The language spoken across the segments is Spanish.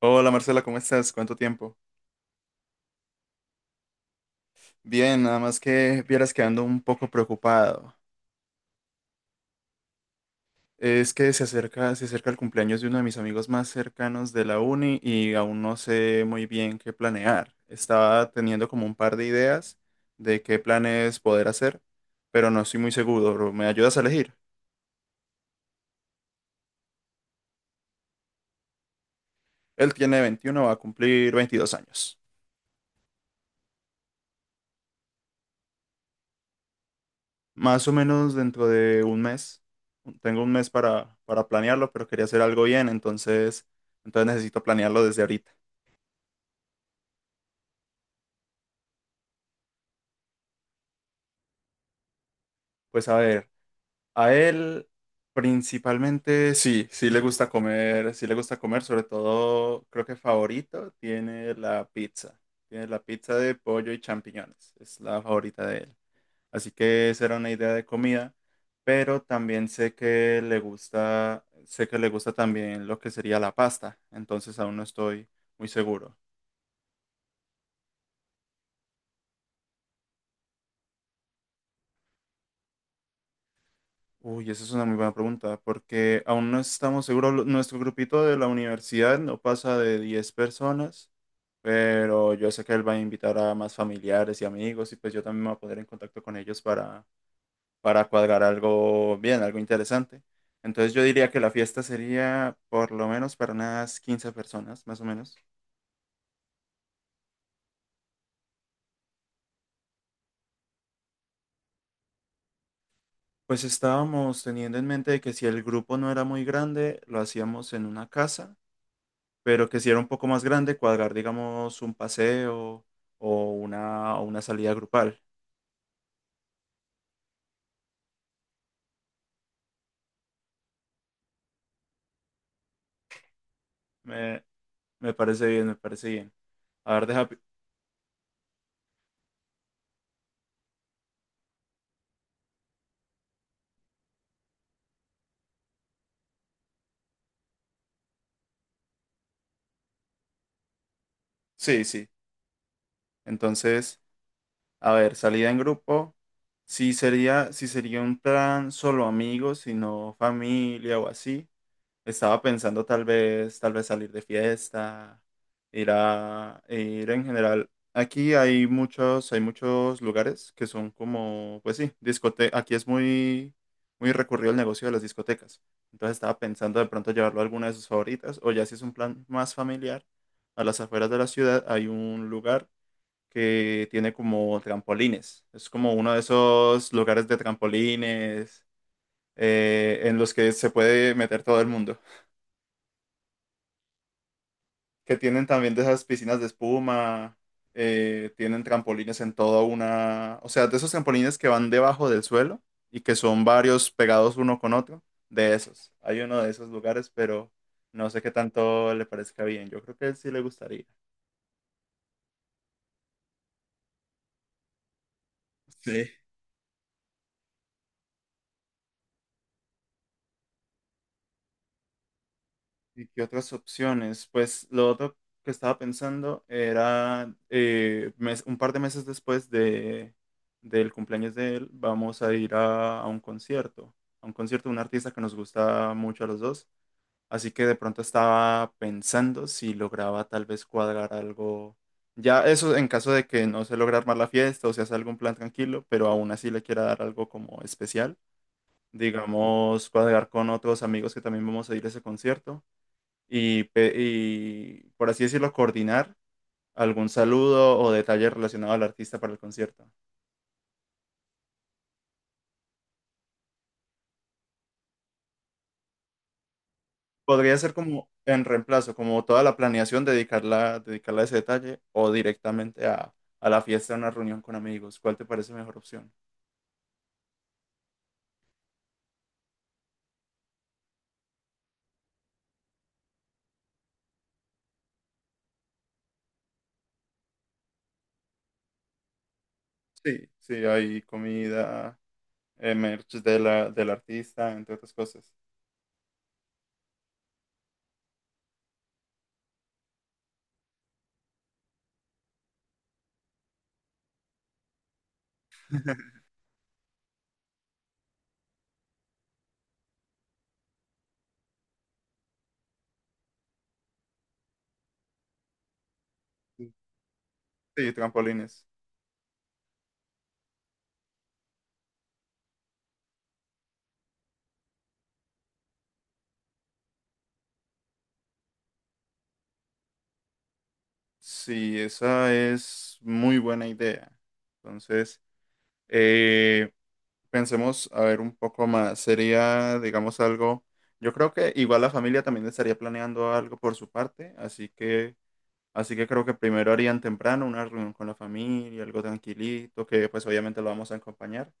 Hola, Marcela, ¿cómo estás? ¿Cuánto tiempo? Bien, nada más que vieras que ando un poco preocupado. Es que se acerca el cumpleaños de uno de mis amigos más cercanos de la uni y aún no sé muy bien qué planear. Estaba teniendo como un par de ideas de qué planes poder hacer, pero no estoy muy seguro. ¿Me ayudas a elegir? Él tiene 21, va a cumplir 22 años. Más o menos dentro de un mes. Tengo un mes para planearlo, pero quería hacer algo bien, entonces necesito planearlo desde ahorita. Pues a ver, a él principalmente sí le gusta comer, sí le gusta comer, sobre todo creo que favorito tiene la pizza. Tiene la pizza de pollo y champiñones, es la favorita de él. Así que esa era una idea de comida, pero también sé que le gusta también lo que sería la pasta, entonces aún no estoy muy seguro. Uy, esa es una muy buena pregunta, porque aún no estamos seguros. Nuestro grupito de la universidad no pasa de 10 personas, pero yo sé que él va a invitar a más familiares y amigos, y pues yo también me voy a poner en contacto con ellos para cuadrar algo bien, algo interesante. Entonces yo diría que la fiesta sería por lo menos para unas 15 personas, más o menos. Pues estábamos teniendo en mente de que si el grupo no era muy grande, lo hacíamos en una casa, pero que si era un poco más grande, cuadrar, digamos, un paseo o una salida grupal. Me, me parece bien, me parece bien. A ver, Sí, sí. Entonces... A ver, salida en grupo. Sí sería, sí sería un plan solo amigos, sino familia o así. Estaba pensando tal vez salir de fiesta, ir a, ir en general. Aquí hay muchos lugares que son como, pues sí, discote. Aquí es muy, muy recurrido el negocio de las discotecas. Entonces estaba pensando de pronto llevarlo a alguna de sus favoritas, o ya si es un plan más familiar, a las afueras de la ciudad hay un lugar que tiene como trampolines. Es como uno de esos lugares de trampolines en los que se puede meter todo el mundo. Que tienen también de esas piscinas de espuma, tienen trampolines en toda una... O sea, de esos trampolines que van debajo del suelo y que son varios pegados uno con otro. De esos. Hay uno de esos lugares, pero no sé qué tanto le parezca bien. Yo creo que él sí le gustaría. Sí. ¿Y qué otras opciones? Pues lo otro que estaba pensando era un par de meses después del cumpleaños de él, vamos a a un concierto de un artista que nos gusta mucho a los dos. Así que de pronto estaba pensando si lograba tal vez cuadrar algo. Ya eso en caso de que no se logre armar la fiesta o se hace algún plan tranquilo, pero aún así le quiera dar algo como especial. Digamos, cuadrar con otros amigos que también vamos a ir a ese concierto y, por así decirlo, coordinar algún saludo o detalle relacionado al artista para el concierto. Podría ser como en reemplazo, como toda la planeación, dedicarla a ese detalle o directamente a la fiesta, a una reunión con amigos. ¿Cuál te parece mejor opción? Sí, sí, hay comida, merch de la, del artista, entre otras cosas. Sí, sí, trampolines. Sí, esa es muy buena idea. Entonces, pensemos, a ver, un poco más. Sería, digamos, algo. Yo creo que igual la familia también estaría planeando algo por su parte, así que creo que primero harían temprano una reunión con la familia, algo tranquilito, que pues obviamente lo vamos a acompañar.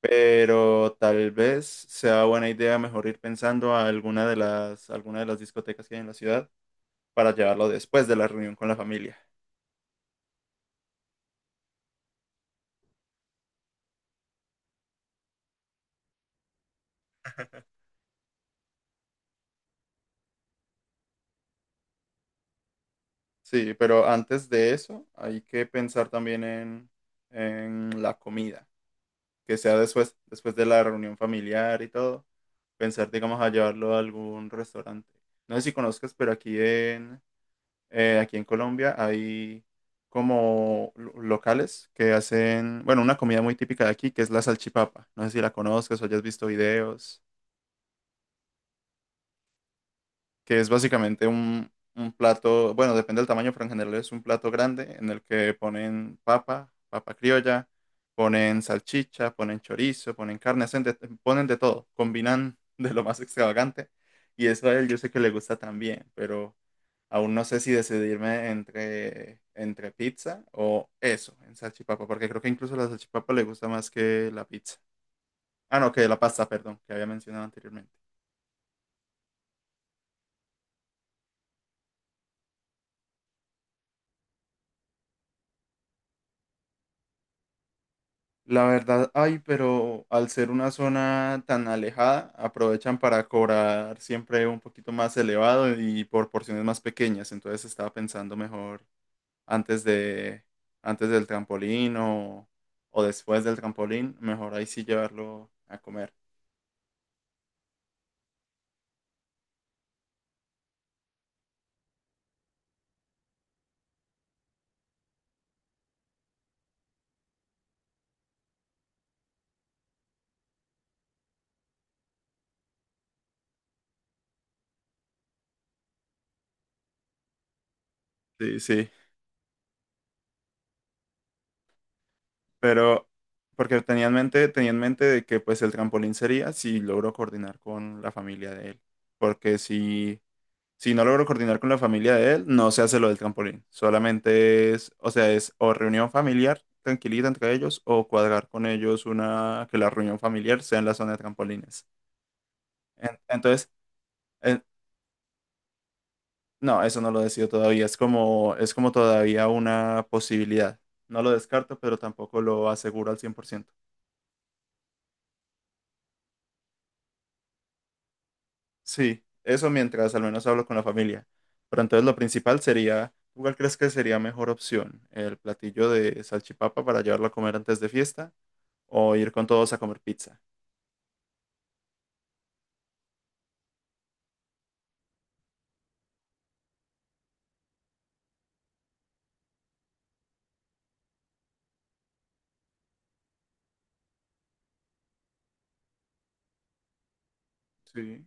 Pero tal vez sea buena idea mejor ir pensando a alguna de las discotecas que hay en la ciudad para llevarlo después de la reunión con la familia. Sí, pero antes de eso hay que pensar también en la comida. Que sea después, después de la reunión familiar y todo, pensar, digamos, a llevarlo a algún restaurante. No sé si conozcas, pero aquí en Colombia hay como locales que hacen, bueno, una comida muy típica de aquí, que es la salchipapa. No sé si la conozcas o hayas visto videos. Que es básicamente un plato, bueno, depende del tamaño, pero en general es un plato grande en el que ponen papa, papa criolla, ponen salchicha, ponen chorizo, ponen carne, ponen de todo, combinan de lo más extravagante y eso a él yo sé que le gusta también, pero aún no sé si decidirme entre pizza o eso, en salchipapa, porque creo que incluso la salchipapa le gusta más que la pizza. Ah, no, que la pasta, perdón, que había mencionado anteriormente. La verdad, hay, pero al ser una zona tan alejada, aprovechan para cobrar siempre un poquito más elevado y por porciones más pequeñas. Entonces estaba pensando mejor antes de, antes del o después del trampolín, mejor ahí sí llevarlo a comer. Sí, sí, pero porque tenía en mente de que pues el trampolín sería si logro coordinar con la familia de él. Porque si Si no logro coordinar con la familia de él, no se hace lo del trampolín. Solamente es, o sea, es o reunión familiar tranquilita entre ellos o cuadrar con ellos una que la reunión familiar sea en la zona de trampolines. En- entonces, eh, no, eso no lo decido todavía. Es como todavía una posibilidad. No lo descarto, pero tampoco lo aseguro al 100%. Sí, eso mientras al menos hablo con la familia. Pero entonces lo principal sería, ¿tú ¿cuál crees que sería mejor opción? ¿El platillo de salchipapa para llevarlo a comer antes de fiesta? O ir con todos a comer pizza. Sí,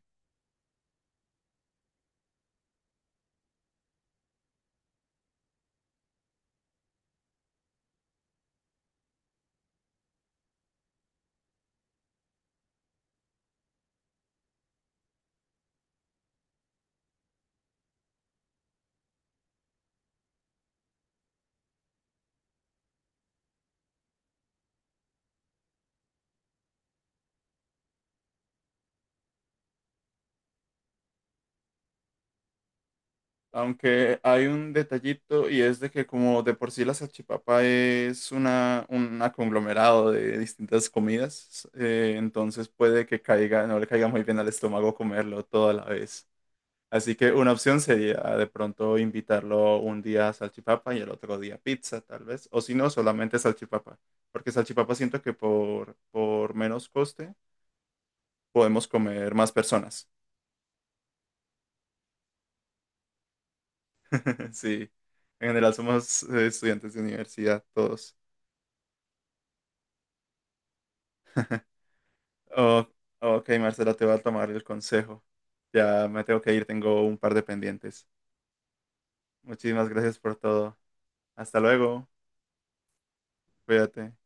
aunque hay un detallito y es de que como de por sí la salchipapa es una, un conglomerado de distintas comidas, entonces puede que caiga, no le caiga muy bien al estómago comerlo todo a la vez. Así que una opción sería de pronto invitarlo un día a salchipapa y el otro día pizza, tal vez. O si no, solamente salchipapa. Porque salchipapa siento que por menos coste podemos comer más personas. Sí, en general somos estudiantes de universidad todos. Oh, ok, Marcela, te voy a tomar el consejo. Ya me tengo que ir, tengo un par de pendientes. Muchísimas gracias por todo. Hasta luego, cuídate.